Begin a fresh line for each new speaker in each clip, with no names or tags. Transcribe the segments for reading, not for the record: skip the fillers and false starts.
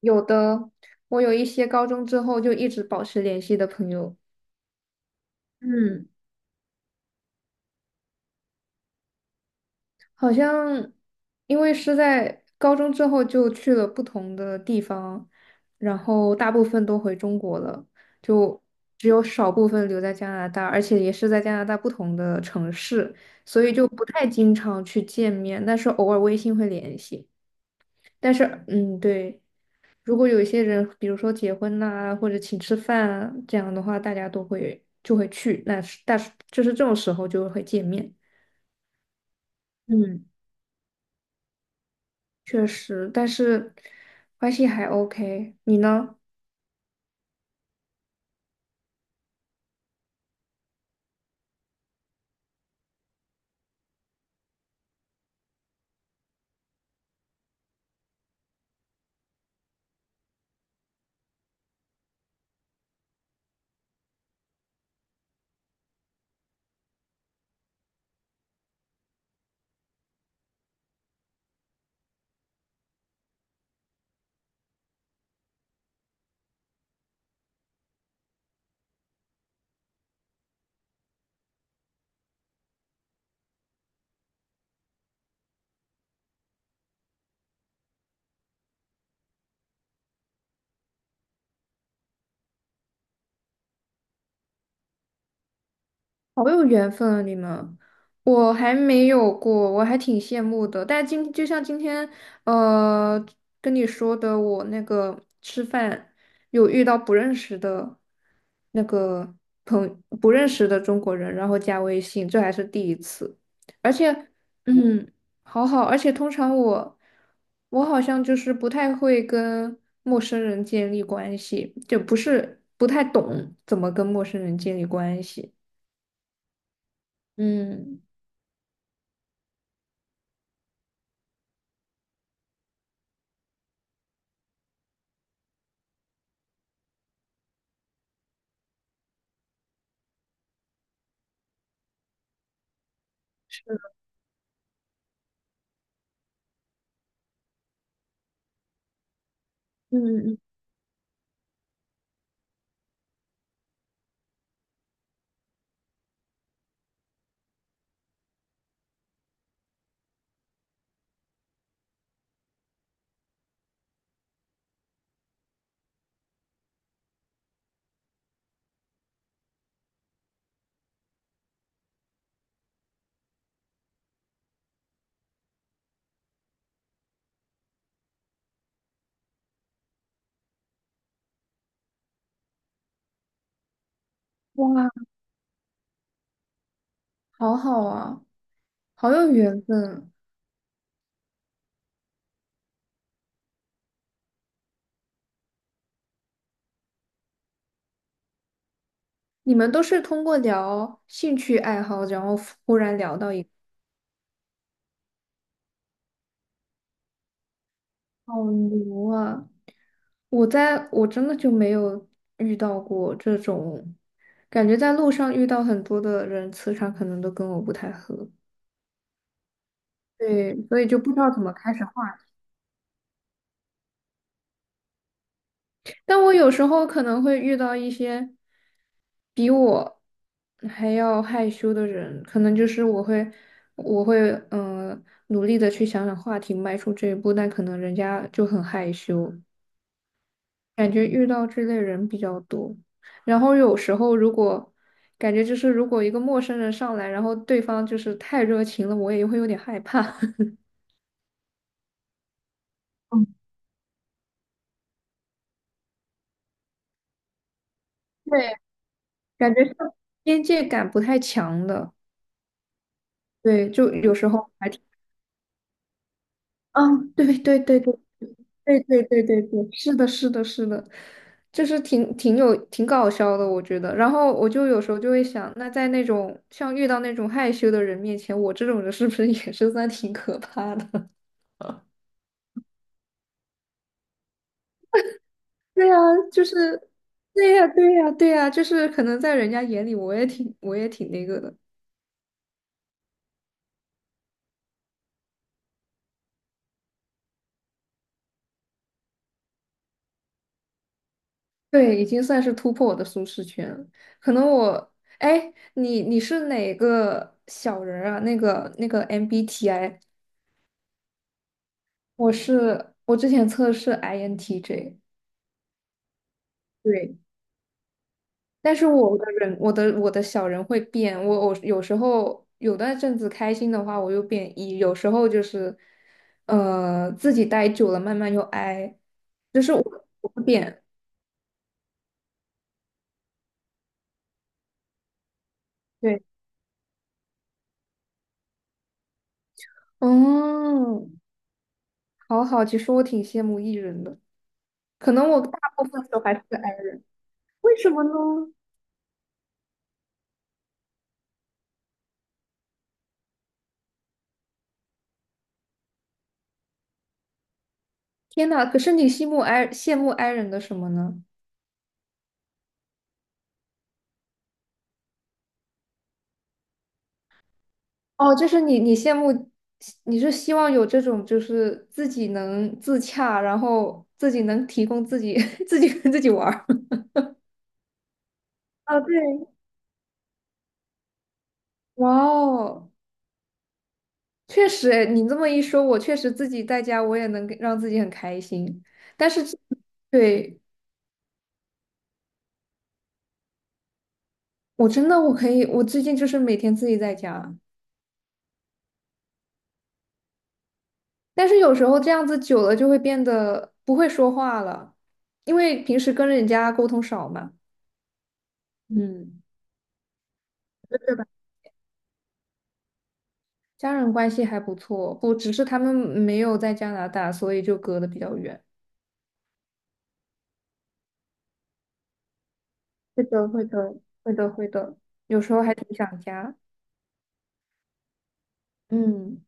有的，我有一些高中之后就一直保持联系的朋友。嗯，好像因为是在高中之后就去了不同的地方，然后大部分都回中国了，就只有少部分留在加拿大，而且也是在加拿大不同的城市，所以就不太经常去见面，但是偶尔微信会联系。但是，对。如果有一些人，比如说结婚呐、或者请吃饭啊，这样的话，大家都会就会去，那是但是就是这种时候就会见面。嗯，确实，但是关系还 OK，你呢？好有缘分啊，你们。我还没有过，我还挺羡慕的。但就像今天，呃，跟你说的，我那个吃饭有遇到不认识的那个朋，不认识的中国人，然后加微信，这还是第一次。而且，嗯，好好。而且通常我好像就是不太会跟陌生人建立关系，就不是不太懂怎么跟陌生人建立关系。嗯嗯嗯，嗯，哇，好好啊，好有缘分。你们都是通过聊兴趣爱好，然后忽然聊到。好牛啊！我真的就没有遇到过这种，感觉在路上遇到很多的人，磁场可能都跟我不太合。对，所以就不知道怎么开始画。但我有时候可能会遇到一些比我还要害羞的人，可能就是我会嗯、呃努力的去想想话题，迈出这一步，但可能人家就很害羞，感觉遇到这类人比较多。然后有时候如果感觉就是如果一个陌生人上来，然后对方就是太热情了，我也会有点害怕，嗯，对，感觉是边界感不太强的。对，就有时候还挺。嗯，对对对对。对对对对对，是的，是的，是的，就是挺搞笑的，我觉得。然后我就有时候就会想，那在那种像遇到那种害羞的人面前，我这种人是不是 也是算挺可怕的？对呀，就是，对呀，对呀，对呀，就是可能在人家眼里，我也挺那个的。对，已经算是突破我的舒适圈了。可能我，哎，你是哪个小人儿啊？那个 MBTI。我之前测试 INTJ，对，但是我的小人会变，我有时候有段阵子开心的话，我又变 E，有时候就是，自己待久了慢慢又 I，就是我会变。对，嗯，好好。其实我挺羡慕 E 人的，可能我大部分时候还是个 I，为什么呢？天呐，可是你羡慕 I 人的什么呢？哦，就是你，你羡慕，你是希望有这种，就是自己能自洽，然后自己能提供自己，自己跟自己玩儿。啊，对，哇哦，确实哎，诶你这么一说，我确实自己在家，我也能让自己很开心。但是这对，我真的我可以，我最近就是每天自己在家，但是有时候这样子久了就会变得不会说话了，因为平时跟人家沟通少嘛。嗯，对吧？家人关系还不错，不，只是他们没有在加拿大，所以就隔得比较远。会的，会的，会的，会的，有时候还挺想家。嗯，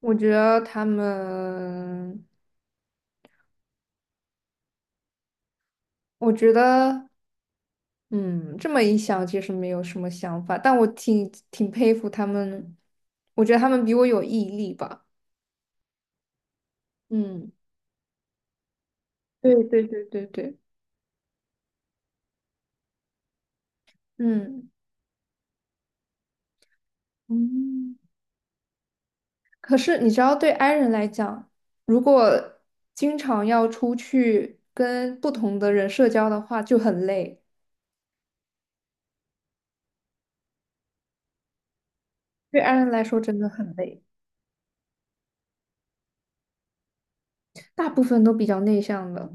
我觉得他们，我觉得，嗯，这么一想，其实没有什么想法，但我挺佩服他们，我觉得他们比我有毅力吧。嗯，对对对对对，嗯。嗯。可是你知道，对 i 人来讲，如果经常要出去跟不同的人社交的话，就很累。对 i 人来说真的很累。大部分都比较内向的。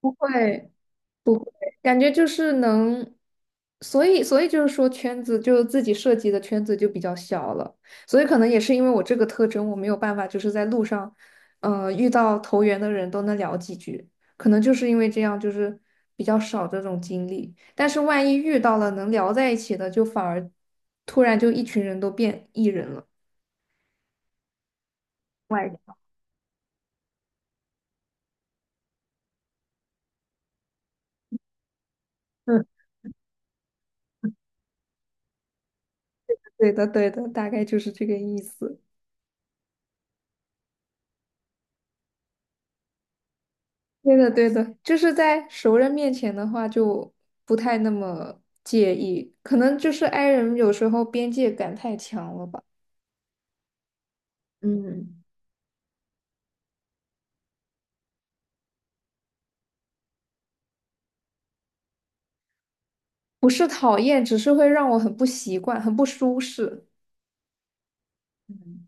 不会不会，感觉就是能，所以就是说圈子就自己设计的圈子就比较小了，所以可能也是因为我这个特征，我没有办法就是在路上，遇到投缘的人都能聊几句，可能就是因为这样就是比较少这种经历，但是万一遇到了能聊在一起的，就反而突然就一群人都变 E 人了。外向嗯，对的对的，大概就是这个意思。对的，对的，就是在熟人面前的话，就不太那么介意，可能就是 i 人有时候边界感太强了吧。嗯。不是讨厌，只是会让我很不习惯，很不舒适。嗯。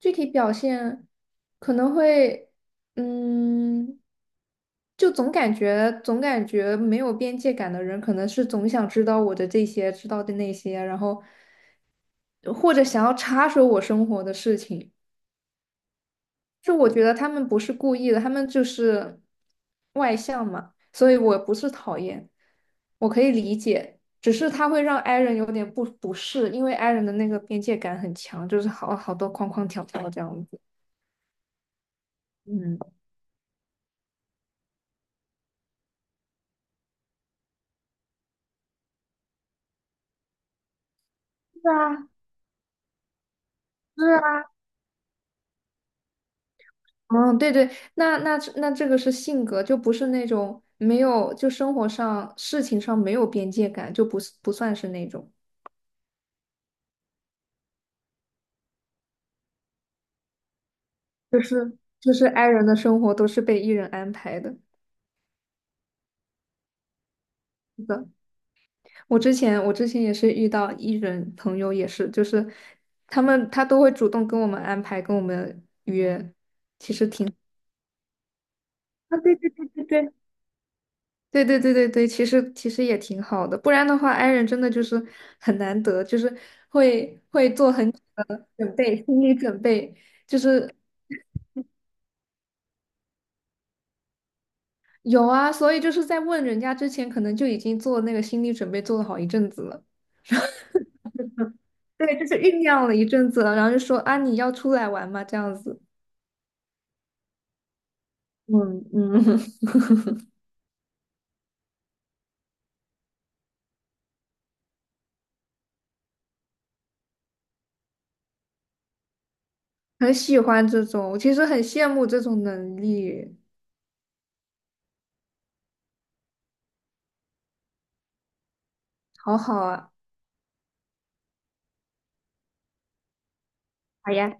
具体表现可能会。嗯，就总感觉没有边界感的人，可能是总想知道我的这些，知道的那些，然后或者想要插手我生活的事情。就我觉得他们不是故意的，他们就是外向嘛，所以我不是讨厌，我可以理解，只是他会让 i 人有点不适，因为 i 人的那个边界感很强，就是好多框框条条这样子。嗯，是啊，是啊，嗯，对对，那这个是性格，就不是那种没有，就生活上事情上没有边界感，就不是不算是那种，就是 i 人的生活都是被 e 人安排的。是的。我之前也是遇到艺人朋友，也是就是他都会主动跟我们安排，跟我们约。啊，对对对对对。对对对对对，其实也挺好的，不然的话，i 人真的就是很难得，就是会做很久的准备，心理准备。就是有啊，所以就是在问人家之前，可能就已经做那个心理准备做了好一阵子了，对，就是酝酿了一阵子了，然后就说啊，你要出来玩吗？这样子。嗯嗯，很喜欢这种，我其实很羡慕这种能力，好好啊！好呀。